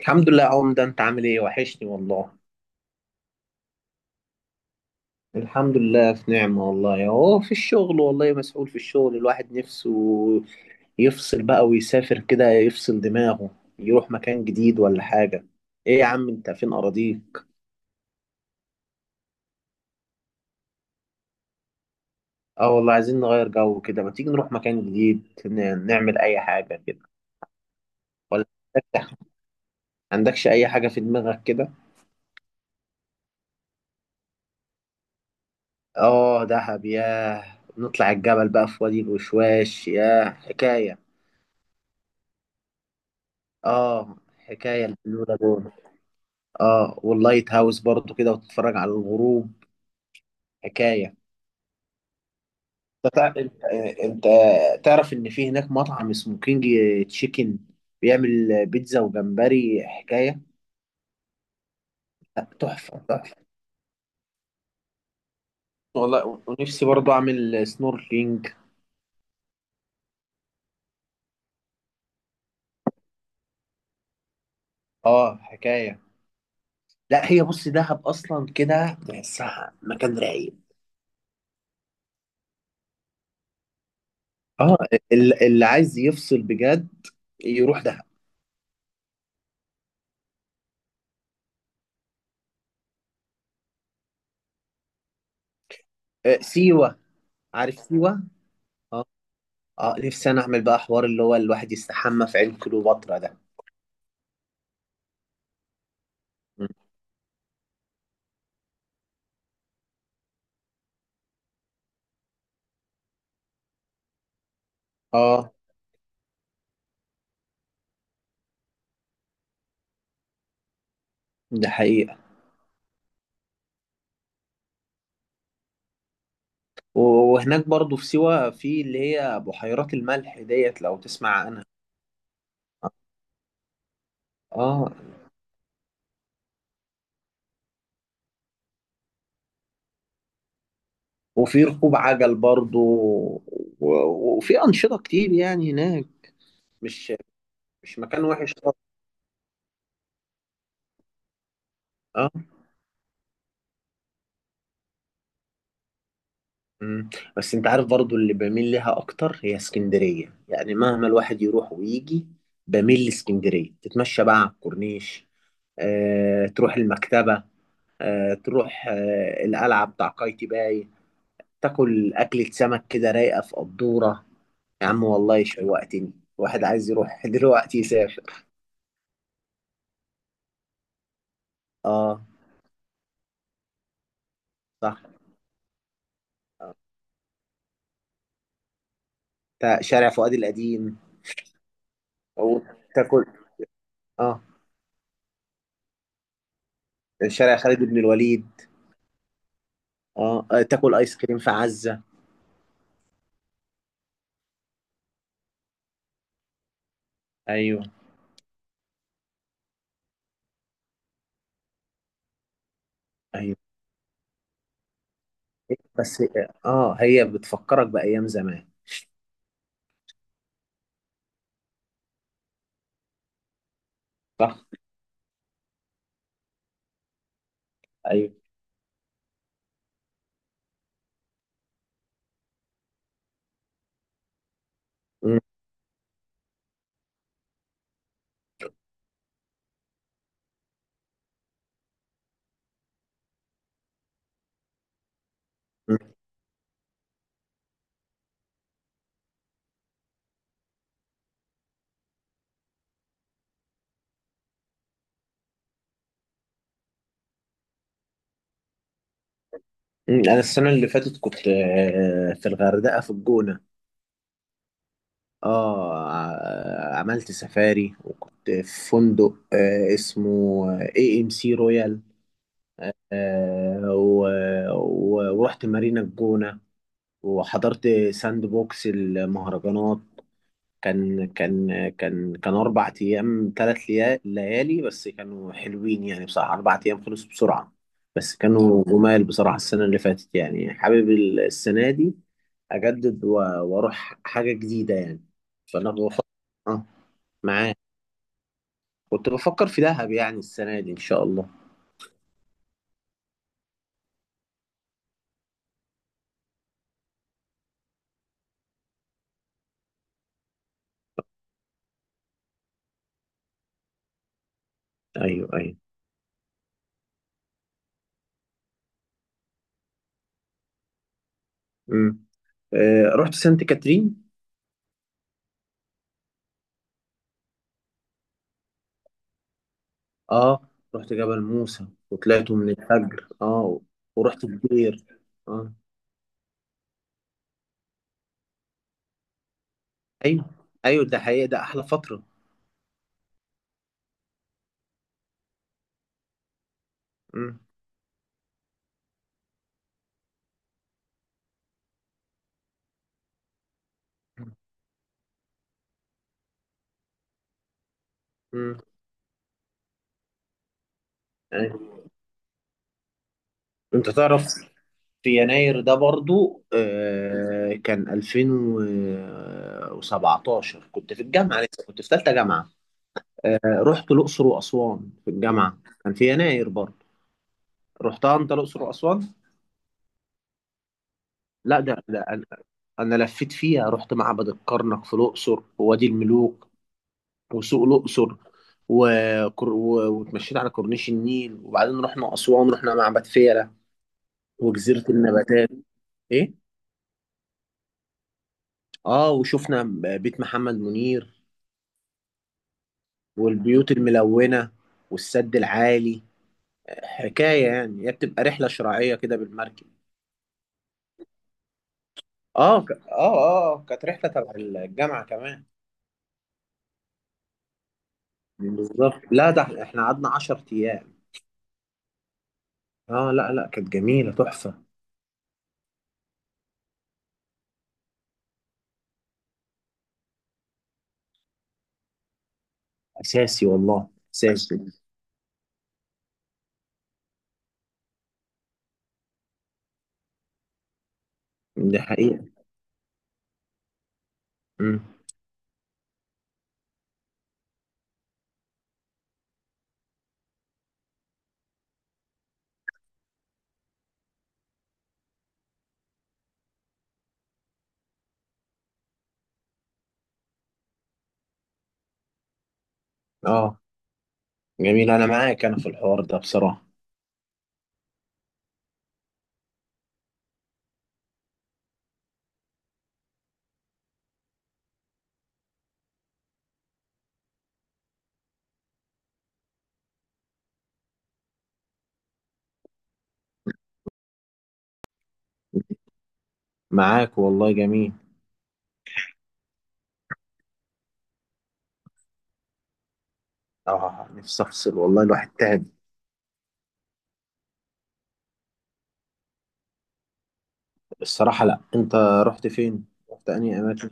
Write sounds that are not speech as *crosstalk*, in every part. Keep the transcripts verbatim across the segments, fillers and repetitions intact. الحمد لله يا عمدة، انت عامل ايه؟ وحشني والله. الحمد لله في نعمة، والله اهو في الشغل. والله مسؤول في الشغل، الواحد نفسه يفصل بقى ويسافر كده، يفصل دماغه، يروح مكان جديد ولا حاجة. ايه يا عم انت فين اراضيك؟ اه والله عايزين نغير جو كده. ما تيجي نروح مكان جديد، ن- نعمل اي حاجة كده. ولا عندك- عندكش اي حاجة في دماغك كده؟ اه دهب، ياه. نطلع الجبل بقى في وادي الوشواش، ياه حكاية. اه حكاية البلو لاجون. اه واللايت هاوس برضو كده، وتتفرج على الغروب، حكاية. انت تع- آه، انت تعرف ان في هناك مطعم اسمه كينج تشيكن، بيعمل بيتزا وجمبري، حكاية. لا، تحفة تحفة. والله و- ونفسي برضو اعمل سنوركلينج. اه حكاية. لا هي بص، دهب اصلا كده تحسها مكان رايق. اه ال- اللي عايز يفصل بجد يروح دهب. آه، سيوة. عارف سيوة. اه. اه نفسي انا اعمل بقى حوار اللي هو الواحد يستحمى في عين كليوباترا ده. اه. ده حقيقة. و- وهناك برضو في سيوة، في اللي هي بحيرات الملح ديت لو تسمع عنها. اه وفي ركوب عجل برضو، و- و- وفي أنشطة كتير يعني هناك. مش مش مكان وحش خالص. اه. مم. بس انت عارف برضو اللي بميل لها اكتر هي اسكندرية. يعني مهما الواحد يروح ويجي، بميل لاسكندرية. تتمشى بقى على الكورنيش، آه، تروح المكتبة، آه، تروح آه، القلعة بتاع قايتي باي، تاكل أكلة سمك كده رايقة في قدورة. يا عم والله شوقتني، واحد عايز يروح *laughs* دلوقتي يسافر. اه صح. تا- شارع فؤاد القديم. أو تاكل. اه شارع خالد بن الوليد. اه آه، تاكل آيس كريم في عزة. أيوه أيوه. بس اه هي بتفكرك بأيام زمان. صح أيوه. م- م- م. أنا السنة اللي فاتت كنت آه، في الغردقة في الجونة. اه ع- عملت سفاري، وكنت في فندق آه اسمه اي ام سي رويال. آه و- و- ورحت مارينا الجونة، وحضرت ساند بوكس المهرجانات. كان كان كان كان اربع ايام ثلاث ليالي، بس كانوا حلوين يعني بصراحة. اربع ايام خلصوا بسرعة، بس كانوا جمال بصراحة. السنة اللي فاتت، يعني حابب ال- السنة دي اجدد، و- واروح حاجة جديدة يعني. فانا بفكر. اه. معاك. كنت بفكر في دهب يعني السنة دي إن شاء الله. أيوه أيوه. امم. آه رحت سانت كاترين. أه رحت جبل موسى وطلعته من الفجر، أه. ورحت الدير، أه. أيوه أيوه ده حقيقة، ده أحلى فترة. امم. امم. أيوه. أنت تعرف، في يناير ده برضو آه كان ألفين وسبعتاشر، كنت في الجامعة لسه، كنت في ثالثة جامعة. آه، رحت الأقصر وأسوان في الجامعة، كان في يناير برضو. رحتها أنت الأقصر وأسوان؟ لا ده ده انا. أنا لفيت فيها، رحت معبد الكرنك في الاقصر، ووادي الملوك، وسوق الاقصر، وكر... و... واتمشيت على كورنيش النيل، وبعدين رحنا اسوان، رحنا معبد فيلة وجزيره النباتات. ايه. اه وشفنا بيت محمد منير والبيوت الملونه والسد العالي، حكايه. يعني هي بتبقى رحله شراعيه كده بالمركب. اه، ك... اه اه كانت رحله تبع الجامعه كمان. بالظبط، لا ده احنا قعدنا 10 ايام. اه لا لا، كانت جميله تحفه. اساسي والله. اساسي. دي حقيقة. امم. اه جميل، انا معاك انا في الحوار ده بصراحة. معاك والله، جميل. اه نفسي افصل والله، الواحد تعب. الصراحة لا، انت رحت فين؟ رحت انهي اماكن؟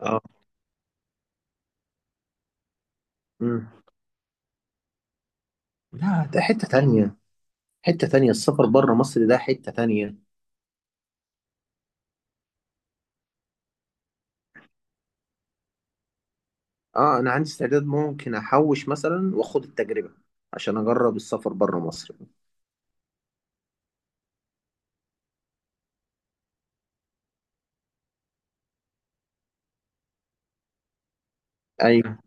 اه. امم. لا ده حتة تانية. حتة تانية، السفر بره مصر ده حتة تانية. اه انا عندي استعداد، ممكن احوش مثلا واخد التجربة عشان اجرب السفر بره مصر. ايوه.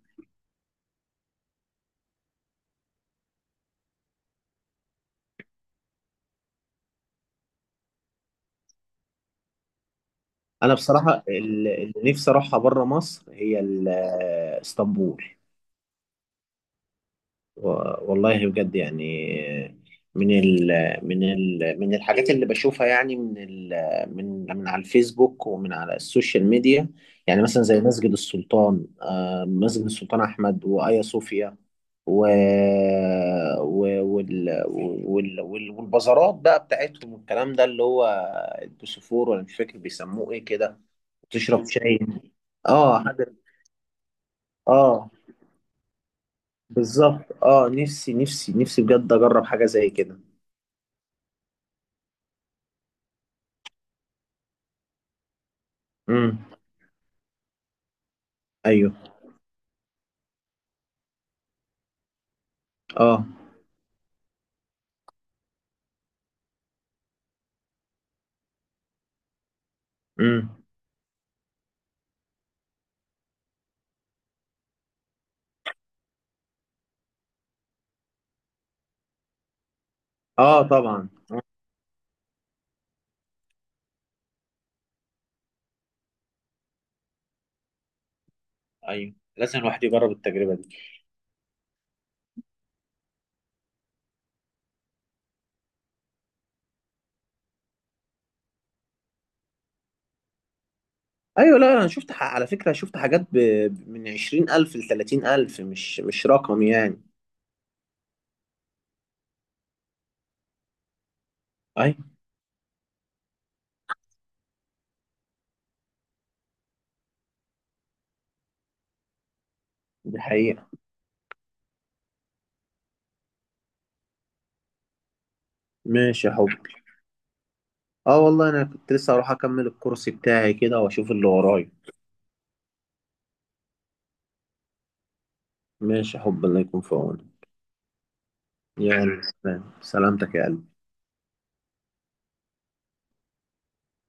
انا بصراحة ال- اللي نفسي اروحها بره مصر هي ال- اسطنبول. و- والله بجد يعني. من ال من ال من الحاجات اللي بشوفها، يعني من ال من من على الفيسبوك ومن على السوشيال ميديا. يعني مثلا زي مسجد السلطان، آه، مسجد السلطان أحمد وآيا صوفيا. و و- وال وال وال- والبازارات بقى بتاعتهم والكلام ده، اللي هو البوسفور، ولا مش فاكر بيسموه ايه كده. تشرب شاي. اه حاجة. اه بالظبط. اه نفسي نفسي نفسي بجد اجرب حاجة زي كده. امم. ايوه اه. امم. اه طبعا آه. ايوه، لازم الواحد يجرب التجربه دي. ايوه. لا انا شفت، ح- على فكره شفت حاجات، ب... ب- من عشرين ألف ل ثلاثين ألف، مش مش رقم يعني. ايوه دي حقيقه. ماشي يا حبي. اه والله انا كنت لسه هروح اكمل الكورس بتاعي كده واشوف اللي ورايا. ماشي يا حبي، الله يكون في عونك. يلا سلام، سلامتك يا قلبي.